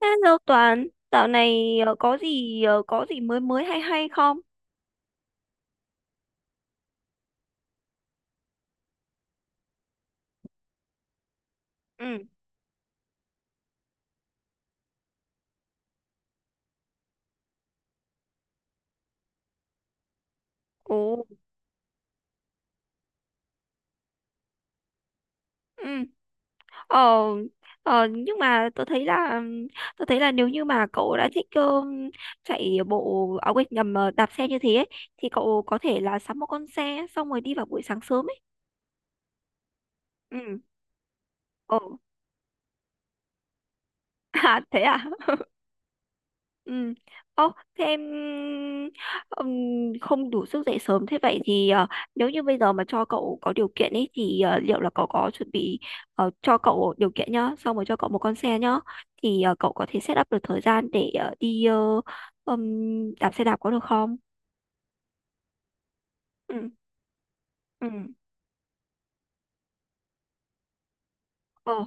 Hello Toàn, dạo này có gì có gì mới mới hay hay không? Ừ, ồ, ừ, ờ, nhưng mà tôi thấy là nếu như mà cậu đã thích chạy bộ áo quên nhầm đạp xe như thế ấy, thì cậu có thể là sắm một con xe xong rồi đi vào buổi sáng sớm ấy. Ừ, ồ, à thế à? Ừ. Ô, thế em ừm, không đủ sức dậy sớm thế vậy thì nếu như bây giờ mà cho cậu có điều kiện ấy thì liệu là cậu có chuẩn bị cho cậu điều kiện nhá, xong rồi cho cậu một con xe nhá thì cậu có thể set up được thời gian để đi đạp xe đạp có được không? Ừ. Ừ. Ờ.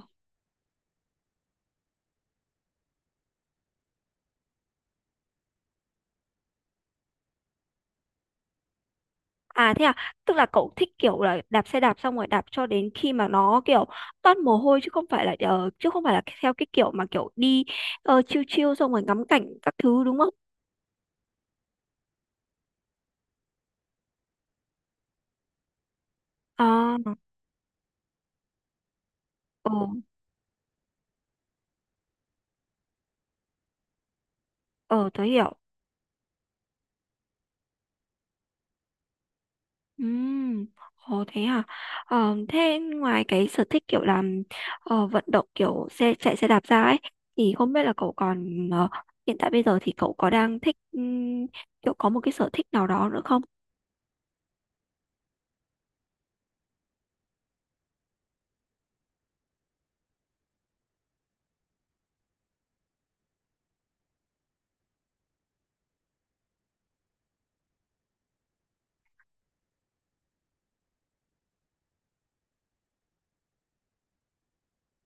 À thế à, tức là cậu thích kiểu là đạp xe đạp xong rồi đạp cho đến khi mà nó kiểu toát mồ hôi chứ không phải là theo cái kiểu mà kiểu đi chill chill xong rồi ngắm cảnh các thứ đúng không? À, ờ, ờ tớ hiểu. Ừm, ồ thế à. Ờ, thế ngoài cái sở thích kiểu làm vận động kiểu xe chạy xe đạp ra ấy thì không biết là cậu còn hiện tại bây giờ thì cậu có đang thích kiểu có một cái sở thích nào đó nữa không?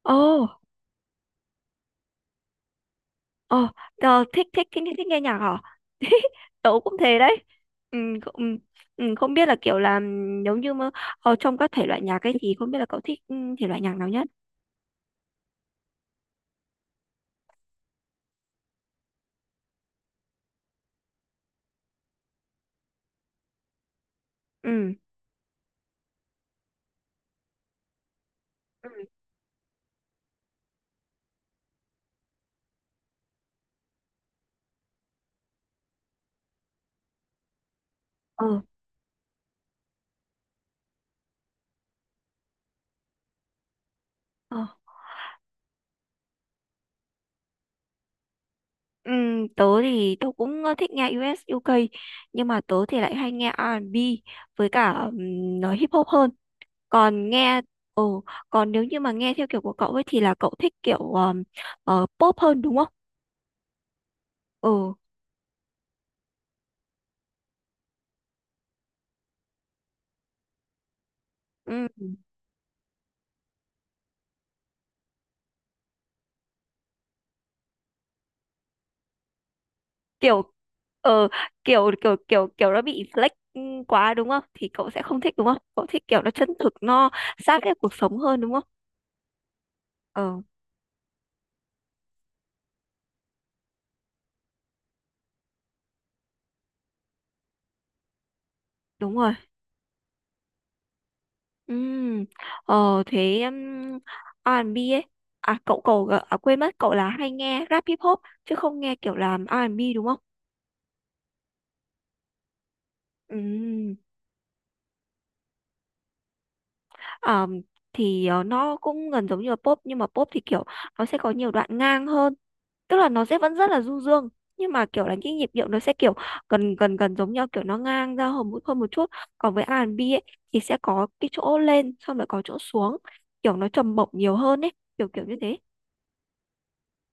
Ồ. Ồ, ờ, thích, thích thích thích nghe nhạc hả? Tớ cũng thế đấy. Ừ, không, ừ, ừ, không biết là kiểu là nếu như mà trong các thể loại nhạc ấy thì không biết là cậu thích thể loại nhạc nào nhất? Ừ. Ừ. Ờ, ờ. Tớ thì tớ cũng thích nghe US UK, nhưng mà tớ thì lại hay nghe R&B với cả nó hip hop hơn. Còn nghe còn nếu như mà nghe theo kiểu của cậu ấy thì là cậu thích kiểu pop hơn đúng không? Ừ. Ừ. kiểu ờ kiểu kiểu kiểu kiểu nó bị flex quá đúng không, thì cậu sẽ không thích đúng không, cậu thích kiểu nó chân thực, nó sát với cuộc sống hơn đúng không? Ờ, đúng rồi. Ừm, thế R&B ấy, à cậu cậu gợ- à, quên mất, cậu là hay nghe rap hip hop chứ không nghe kiểu làm R&B đúng không? Ừm, ờm, thì nó cũng gần giống như là pop nhưng mà pop thì kiểu nó sẽ có nhiều đoạn ngang hơn, tức là nó sẽ vẫn rất là du dương, nhưng mà kiểu là cái nhịp điệu nó sẽ kiểu gần gần gần giống nhau, kiểu nó ngang ra hơn một chút. Còn với R&B ấy thì sẽ có cái chỗ lên xong lại có chỗ xuống, kiểu nó trầm bổng nhiều hơn ấy, kiểu kiểu như thế.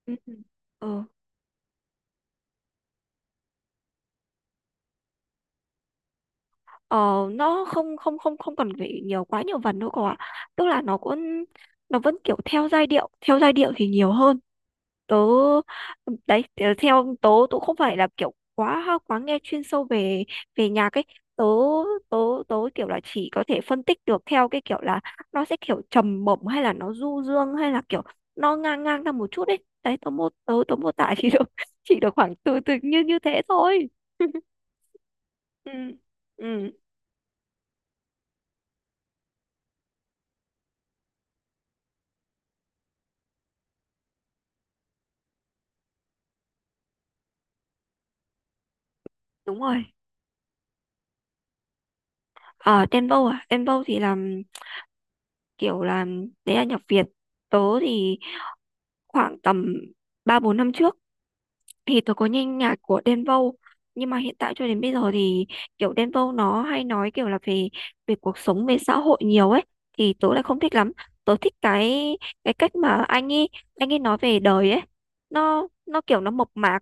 Ừ. ừ. Ờ, ờ, nó không không cần phải nhiều quá nhiều vần đâu cậu ạ, tức là nó cũng nó vẫn kiểu theo giai điệu, theo giai điệu thì nhiều hơn. tớ Theo tớ, tớ không phải là kiểu quá quá nghe chuyên sâu về về nhạc ấy. Tớ tớ tớ kiểu là chỉ có thể phân tích được theo cái kiểu là nó sẽ kiểu trầm bổng hay là nó du dương hay là kiểu nó ngang ngang ra một chút ấy. Đấy tớ mô tớ tớ mô tả chỉ được chỉ được khoảng từ từ như như thế thôi. ừ ừ đúng rồi. Ở Dembow, à Dembow thì là kiểu là đấy là nhạc Việt. Tớ thì khoảng tầm 3 4 năm trước thì tôi có nghe nhạc của Đen Vâu, nhưng mà hiện tại cho đến bây giờ thì kiểu Đen Vâu nó hay nói kiểu là về về cuộc sống về xã hội nhiều ấy, thì tớ lại không thích lắm. Tớ thích cái cách mà anh ấy nói về đời ấy, nó kiểu nó mộc mạc,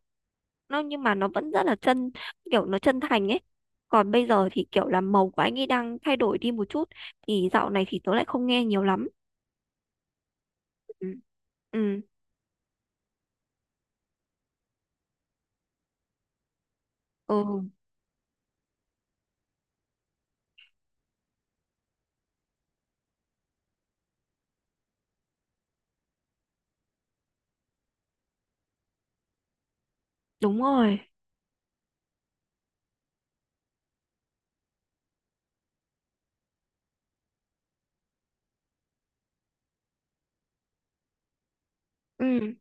nó nhưng mà nó vẫn rất là chân, kiểu nó chân thành ấy. Còn bây giờ thì kiểu là màu của anh ấy đang thay đổi đi một chút, thì dạo này thì tớ lại không nghe nhiều lắm. Ừ ừ, ừ đúng rồi ừ.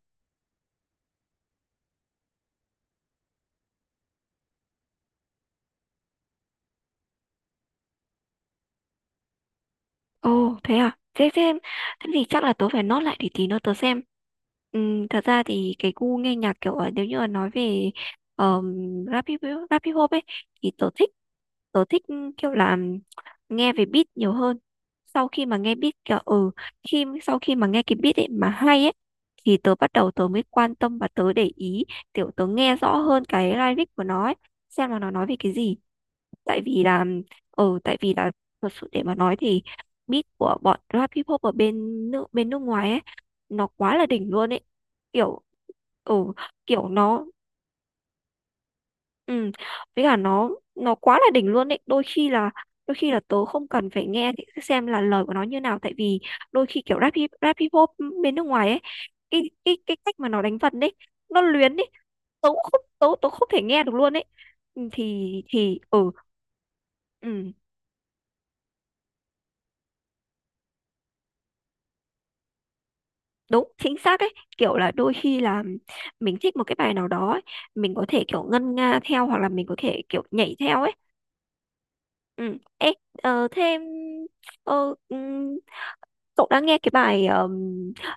Ồ, thế à? Thế xem, thế thì chắc là tớ phải nốt lại để tí nữa tớ xem. Thật ra thì cái gu nghe nhạc kiểu nếu như là nói về um, rap, hip, rap hip hop ấy thì tớ thích tớ thích kiểu là nghe về beat nhiều hơn. Sau khi mà nghe beat kiểu ừ, sau khi mà nghe cái beat ấy mà hay ấy thì tớ bắt đầu tớ mới quan tâm và tớ để ý kiểu tớ nghe rõ hơn cái lyric của nó ấy, xem là nó nói về cái gì. tại vì là Tại vì là thật sự để mà nói thì beat của bọn rap hip hop ở bên bên nước ngoài ấy nó quá là đỉnh luôn ấy, kiểu ừ kiểu nó ừ. Với cả nó quá là đỉnh luôn ấy, đôi khi là tớ không cần phải nghe thì xem là lời của nó như nào. Tại vì đôi khi kiểu rap hip hop bên nước ngoài ấy, cái cách mà nó đánh vần ấy, nó luyến ấy, tớ không thể nghe được luôn ấy. Ừ, thì ừ ừ đúng chính xác ấy, kiểu là đôi khi là mình thích một cái bài nào đó ấy, mình có thể kiểu ngân nga theo hoặc là mình có thể kiểu nhảy theo ấy. Ừ Ê, ờ, thêm ờ, ừm, cậu đã nghe cái bài ờm,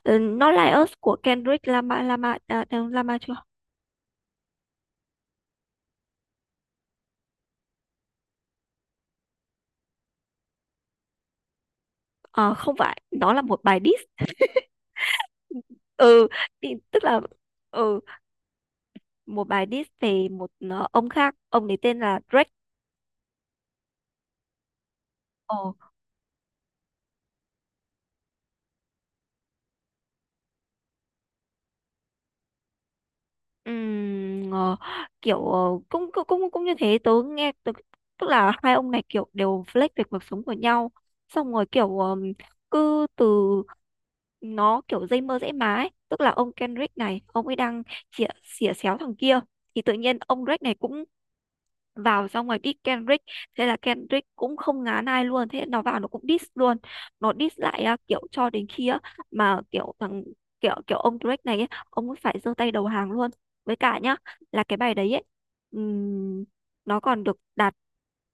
ờ, Not Like Us của Kendrick Lamar Lamar à, đâu, Lamar chưa? Ờ, không, phải nó là một bài diss. Ừ Thì, tức là ừ một bài diss về một ông khác, ông ấy tên là Drake. Ờ, Ừm, ờ, kiểu ờ, cũng cũng cũng cũng như thế tớ nghe tớ, tức là hai ông này kiểu đều flex về cuộc sống của nhau, xong rồi kiểu cứ từ nó kiểu dây mơ dễ má ấy. Tức là ông Kendrick này ông ấy đang chĩa xỉa xéo thằng kia, thì tự nhiên ông Drake này cũng vào xong rồi diss Kendrick, thế là Kendrick cũng không ngán ai luôn, thế nó vào nó cũng diss luôn, nó diss lại à, kiểu cho đến khi á, mà kiểu kiểu ông Drake này ấy, ông ấy phải giơ tay đầu hàng luôn. Với cả nhá là cái bài đấy ấy, ừm, nó còn được đạt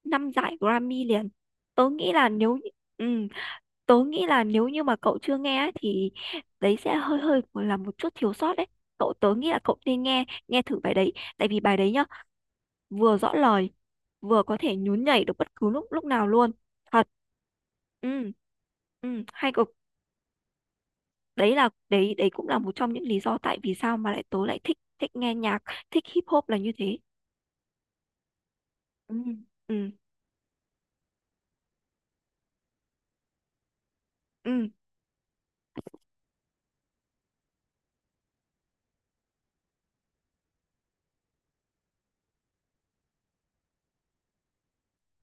5 giải Grammy liền. tớ nghĩ là nếu như- ừm, tớ nghĩ là nếu như mà cậu chưa nghe ấy, thì đấy sẽ hơi hơi là một chút thiếu sót đấy. Tớ nghĩ là cậu nên nghe nghe thử bài đấy, tại vì bài đấy nhá vừa rõ lời, vừa có thể nhún nhảy được bất cứ lúc lúc nào luôn, thật. Ừ ừ hay cực. Đấy là đấy đấy cũng là một trong những lý do tại vì sao mà tớ lại thích thích nghe nhạc, thích hip hop là như thế. Ừ ừ ừ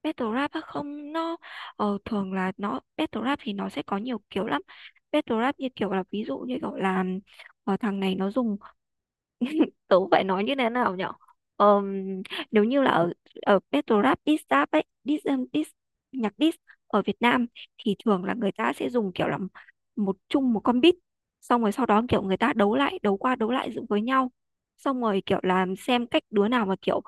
battle rap á, không, nó thường là nó battle rap thì nó sẽ có nhiều kiểu lắm. Battle rap như kiểu là ví dụ như kiểu là thằng này nó dùng tớ phải nói như thế nào nhở. Ờm, nếu như là ở ở battle rap diss rap ấy diss nhạc diss ở Việt Nam, thì thường là người ta sẽ dùng kiểu là chung một con beat, xong rồi sau đó kiểu người ta đấu lại đấu qua đấu lại dựng với nhau, xong rồi kiểu là xem cách đứa nào mà kiểu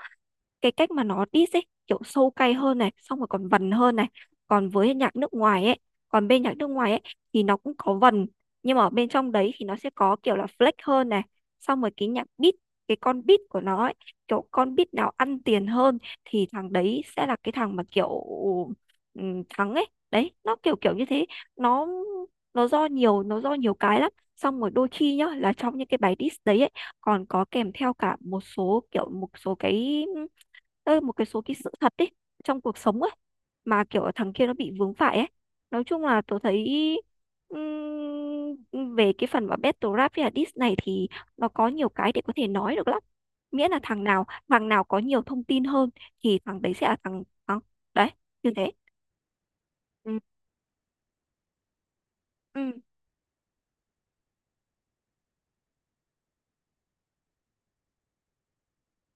cái cách mà nó diss ấy kiểu sâu cay hơn này, xong rồi còn vần hơn này. còn với nhạc nước ngoài ấy Còn bên nhạc nước ngoài ấy thì nó cũng có vần, nhưng mà ở bên trong đấy thì nó sẽ có kiểu là flex hơn này, xong rồi cái nhạc beat cái con beat của nó ấy, kiểu con beat nào ăn tiền hơn thì thằng đấy sẽ là cái thằng mà kiểu thắng ấy, đấy nó kiểu kiểu như thế. nó nó do nhiều cái lắm. Xong rồi đôi khi nhá là trong những cái bài diss đấy ấy, còn có kèm theo cả một số kiểu một số cái Ơ, một cái số cái sự thật ấy trong cuộc sống ấy, mà kiểu thằng kia nó bị vướng phải ấy. Nói chung là tôi thấy về cái phần mà battle rap với là diss này thì nó có nhiều cái để có thể nói được lắm, miễn là thằng nào có nhiều thông tin hơn thì thằng đấy sẽ là thằng thắng đấy, như thế. Ừ. ừ.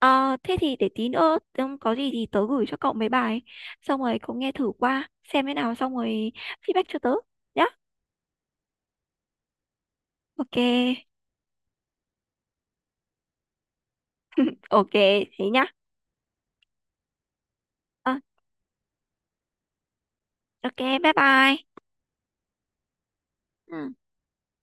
Ờ, thế thì để tí nữa có gì thì tớ gửi cho cậu mấy bài, xong rồi cậu nghe thử qua xem thế nào, xong rồi feedback cho tớ nhá. Ok ok thế nhá. Ờ, Ok, bye bye. Ừ.